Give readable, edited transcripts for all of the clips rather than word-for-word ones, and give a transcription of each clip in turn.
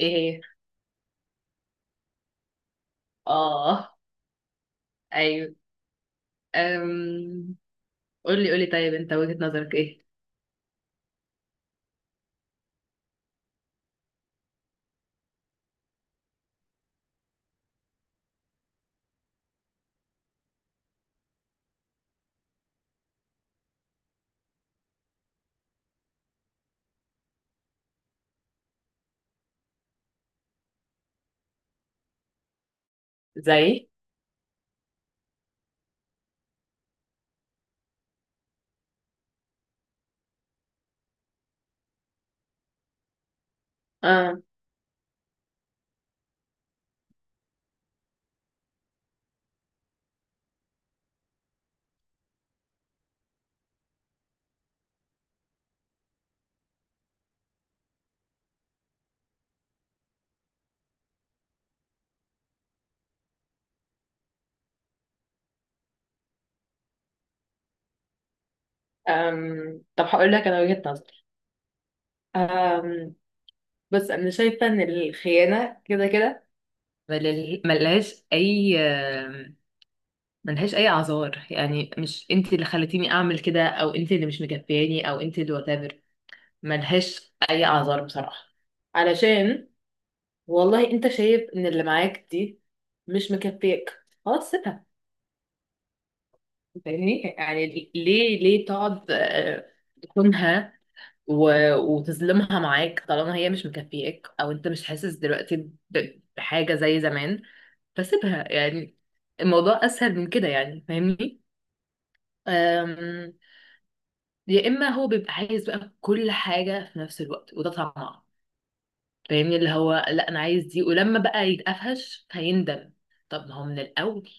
ايه هي؟ اه، ايوه. أم... قولي قولي. طيب انت وجهة نظرك ايه؟ زي آه. طب هقول لك انا وجهة نظري. أم. بس انا شايفة ان الخيانة كده كده ملهاش اي ملهاش اي اعذار، يعني مش انت اللي خلتيني اعمل كده او انت اللي مش مكفياني او انت اللي واتافر. ملهاش اي اعذار بصراحة، علشان والله انت شايف ان اللي معاك دي مش مكفيك، خلاص سيبها، فاهمني يعني. ليه ليه تقعد تخونها وتظلمها معاك طالما هي مش مكفياك او انت مش حاسس دلوقتي بحاجة زي زمان؟ فسيبها يعني، الموضوع اسهل من كده يعني، فاهمني. أم، يا اما هو بيبقى عايز بقى كل حاجة في نفس الوقت وده طمع، فاهمني، اللي هو لا انا عايز دي، ولما بقى يتقفش هيندم. طب ما هو من الاول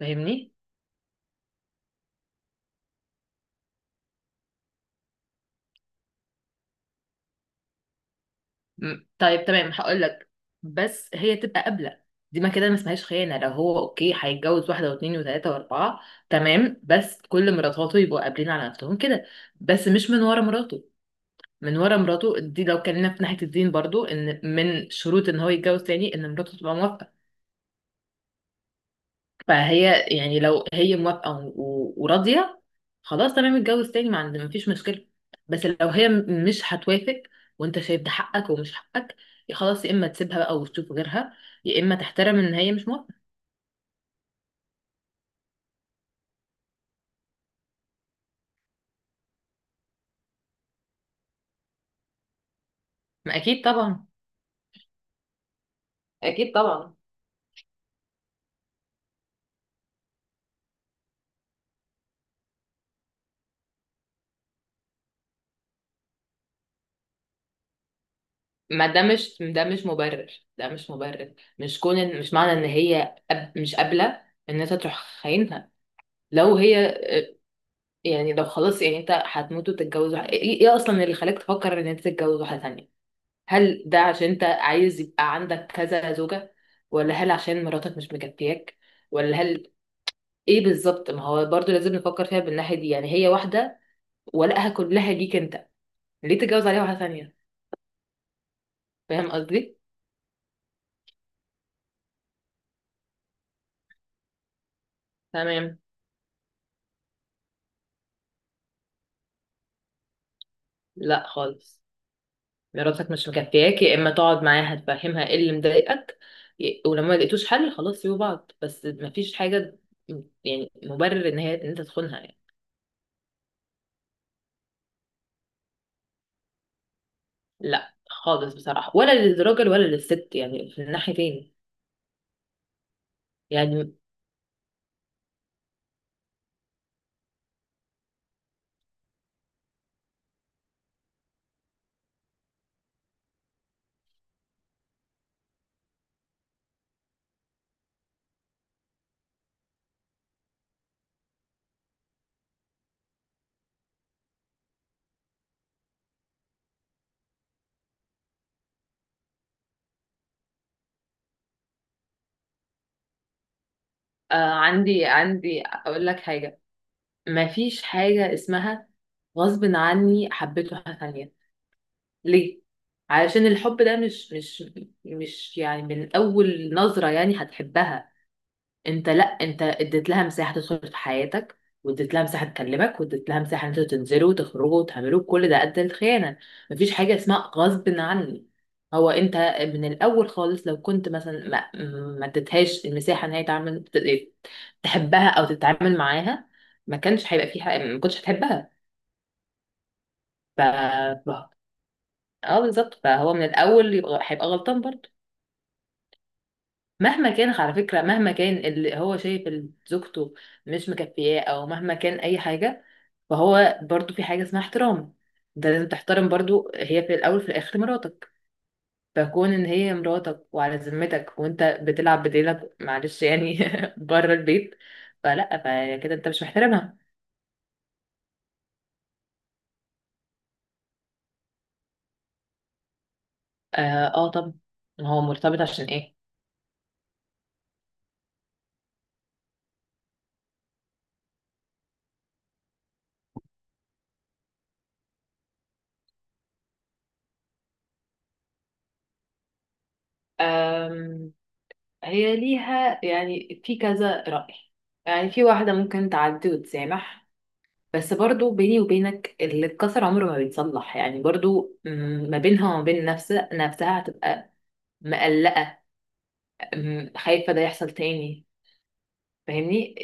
فاهمني. مم. طيب تمام هقول لك، بس هي تبقى قابلة. دي ما كده ما اسمهاش خيانة، لو هو اوكي هيتجوز واحدة واثنين وثلاثة واربعة تمام، بس كل مراتاته يبقوا قابلين على نفسهم كده، بس مش من ورا مراته. من ورا مراته دي، لو كلمنا في ناحية الدين برضو، ان من شروط ان هو يتجوز تاني ان مراته تبقى موافقة. فهي يعني لو هي موافقة وراضية، خلاص تمام اتجوز تاني، ما عندي ما فيش مشكلة. بس لو هي مش هتوافق وانت شايف ده حقك ومش حقك، يا خلاص يا اما تسيبها بقى وتشوف غيرها، يا اما تحترم ان هي مش موافقة. ما اكيد طبعا. اكيد طبعا. ما ده مش، ده مش مبرر، ده مش مبرر، مش كون مش معنى ان هي أب مش قابلة ان انت تروح خاينها. لو هي يعني لو خلاص، يعني انت هتموت وتتجوز ايه، إيه اصلا اللي خلاك تفكر ان انت تتجوز واحدة تانية؟ هل ده عشان انت عايز يبقى عندك كذا زوجة؟ ولا هل عشان مراتك مش مكفياك؟ ولا هل ايه بالظبط؟ ما هو برضو لازم نفكر فيها بالناحية دي يعني. هي واحدة ولقها كلها ليك انت، ليه تتجوز عليها واحدة ثانية؟ فاهم قصدي؟ تمام. لا خالص. مراتك مش مكفياك، يا اما تقعد معاها تفهمها ايه اللي مضايقك، ولما ما لقيتوش حل خلاص سيبوا بعض، بس مفيش حاجة يعني مبرر ان هي ان انت تخونها يعني. لا خالص بصراحة، ولا للراجل ولا للست يعني، في الناحيتين. يعني آه، عندي عندي اقول لك حاجه. مفيش حاجه اسمها غصب عني حبيته حاجه ثانيه. ليه؟ علشان الحب ده مش يعني من اول نظره يعني هتحبها. انت، لا انت اديت لها مساحه تدخل في حياتك، واديت لها مساحه تكلمك، واديت لها مساحه ان انتوا تنزلوا وتخرجوا وتعملوا كل ده قد الخيانه. مفيش حاجه اسمها غصب عني. هو انت من الاول خالص لو كنت مثلا ما اديتهاش المساحه ان هي تعمل تحبها او تتعامل معاها، ما كانش هيبقى في حاجة، ما كنتش هتحبها. ف ف- اه بالظبط، فهو من الاول يبقى هيبقى غلطان برضه. مهما كان على فكره، مهما كان اللي هو شايف إن زوجته مش مكفياه، او مهما كان اي حاجه، فهو برضو في حاجة اسمها احترام. ده لازم تحترم برضو، هي في الأول في الآخر مراتك. فكون إن هي مراتك وعلى ذمتك وأنت بتلعب بديلك، معلش يعني بره البيت، فلا، فكده أنت مش محترمها. آه, آه. طب هو مرتبط عشان إيه؟ آم، هي ليها يعني في كذا رأي. يعني في واحدة ممكن تعدي وتسامح، بس برضو بيني وبينك اللي اتكسر عمره ما بيتصلح يعني برضو ما بينها وما بين نفسها هتبقى مقلقة، خايفة ده يحصل تاني. فاهمني،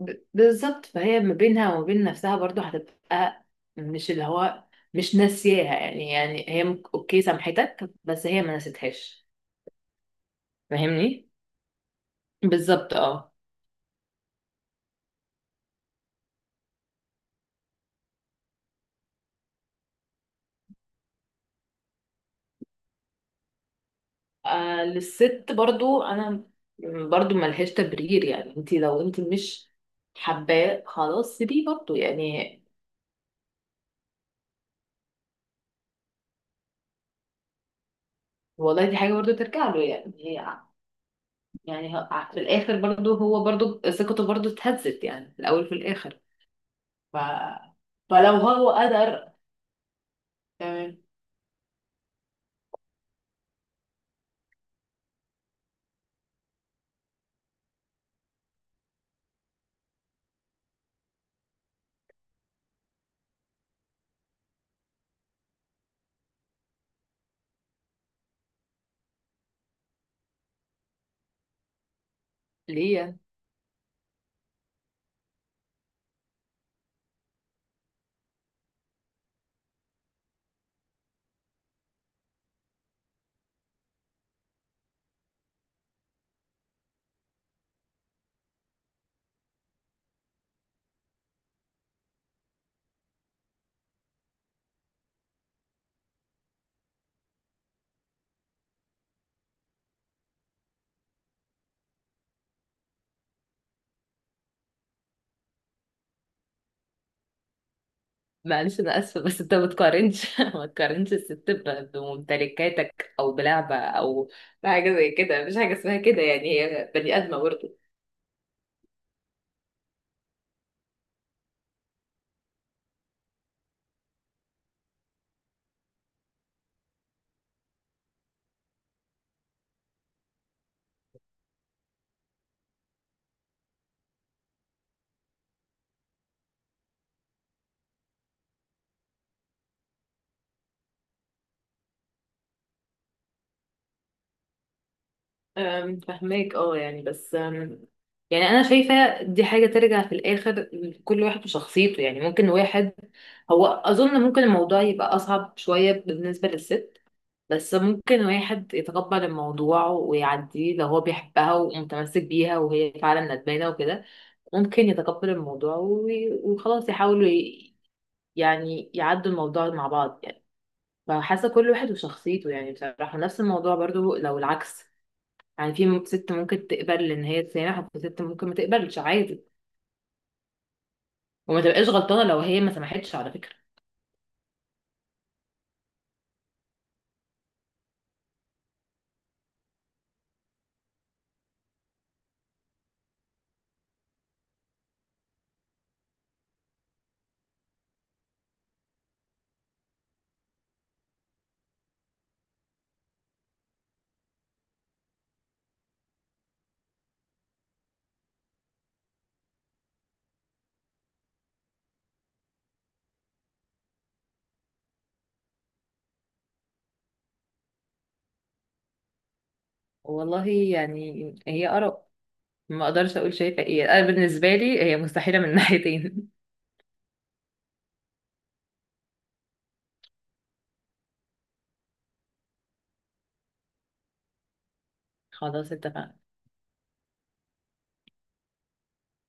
بالظبط. فهي ما بينها وما بين نفسها برضو هتبقى مش اللي هو مش ناسياها يعني. يعني هي اوكي سامحتك، بس هي ما نسيتهاش. فاهمني، بالظبط اه. آه، للست برضو انا برضو ملهاش تبرير يعني. انت لو انت مش حباه، خلاص سيبيه برضو يعني. والله دي حاجة برضو ترجع له يعني. هي يعني في الاخر برضو هو برضو ثقته برضو اتهزت يعني في الاول وفي الاخر. ف... فلو هو قدر تمام. ليه؟ معلش انا اسفه، بس انت ما تقارنش ما تقارنش الست بممتلكاتك او بلعبه او بحاجه زي كده. مفيش حاجه اسمها كده يعني، هي بني ادمه برضه. فهماك اه يعني، بس يعني انا شايفه دي حاجه ترجع في الاخر لكل واحد وشخصيته. يعني ممكن واحد، هو اظن ممكن الموضوع يبقى اصعب شويه بالنسبه للست، بس ممكن واحد يتقبل الموضوع ويعديه لو هو بيحبها ومتمسك بيها وهي فعلا ندمانة وكده، ممكن يتقبل الموضوع وخلاص يحاولوا يعني يعدوا الموضوع مع بعض يعني. فحاسة كل واحد وشخصيته يعني بصراحة. نفس الموضوع برضو لو العكس، يعني في ست ممكن تقبل ان هي تسامح، وفي ست ممكن ما تقبلش عادي، وما تبقاش غلطانة لو هي ما سمحتش على فكرة. والله يعني هي آراء، ما اقدرش اقول شايفة ايه، انا بالنسبة لي هي مستحيلة من ناحيتين. خلاص اتفقنا.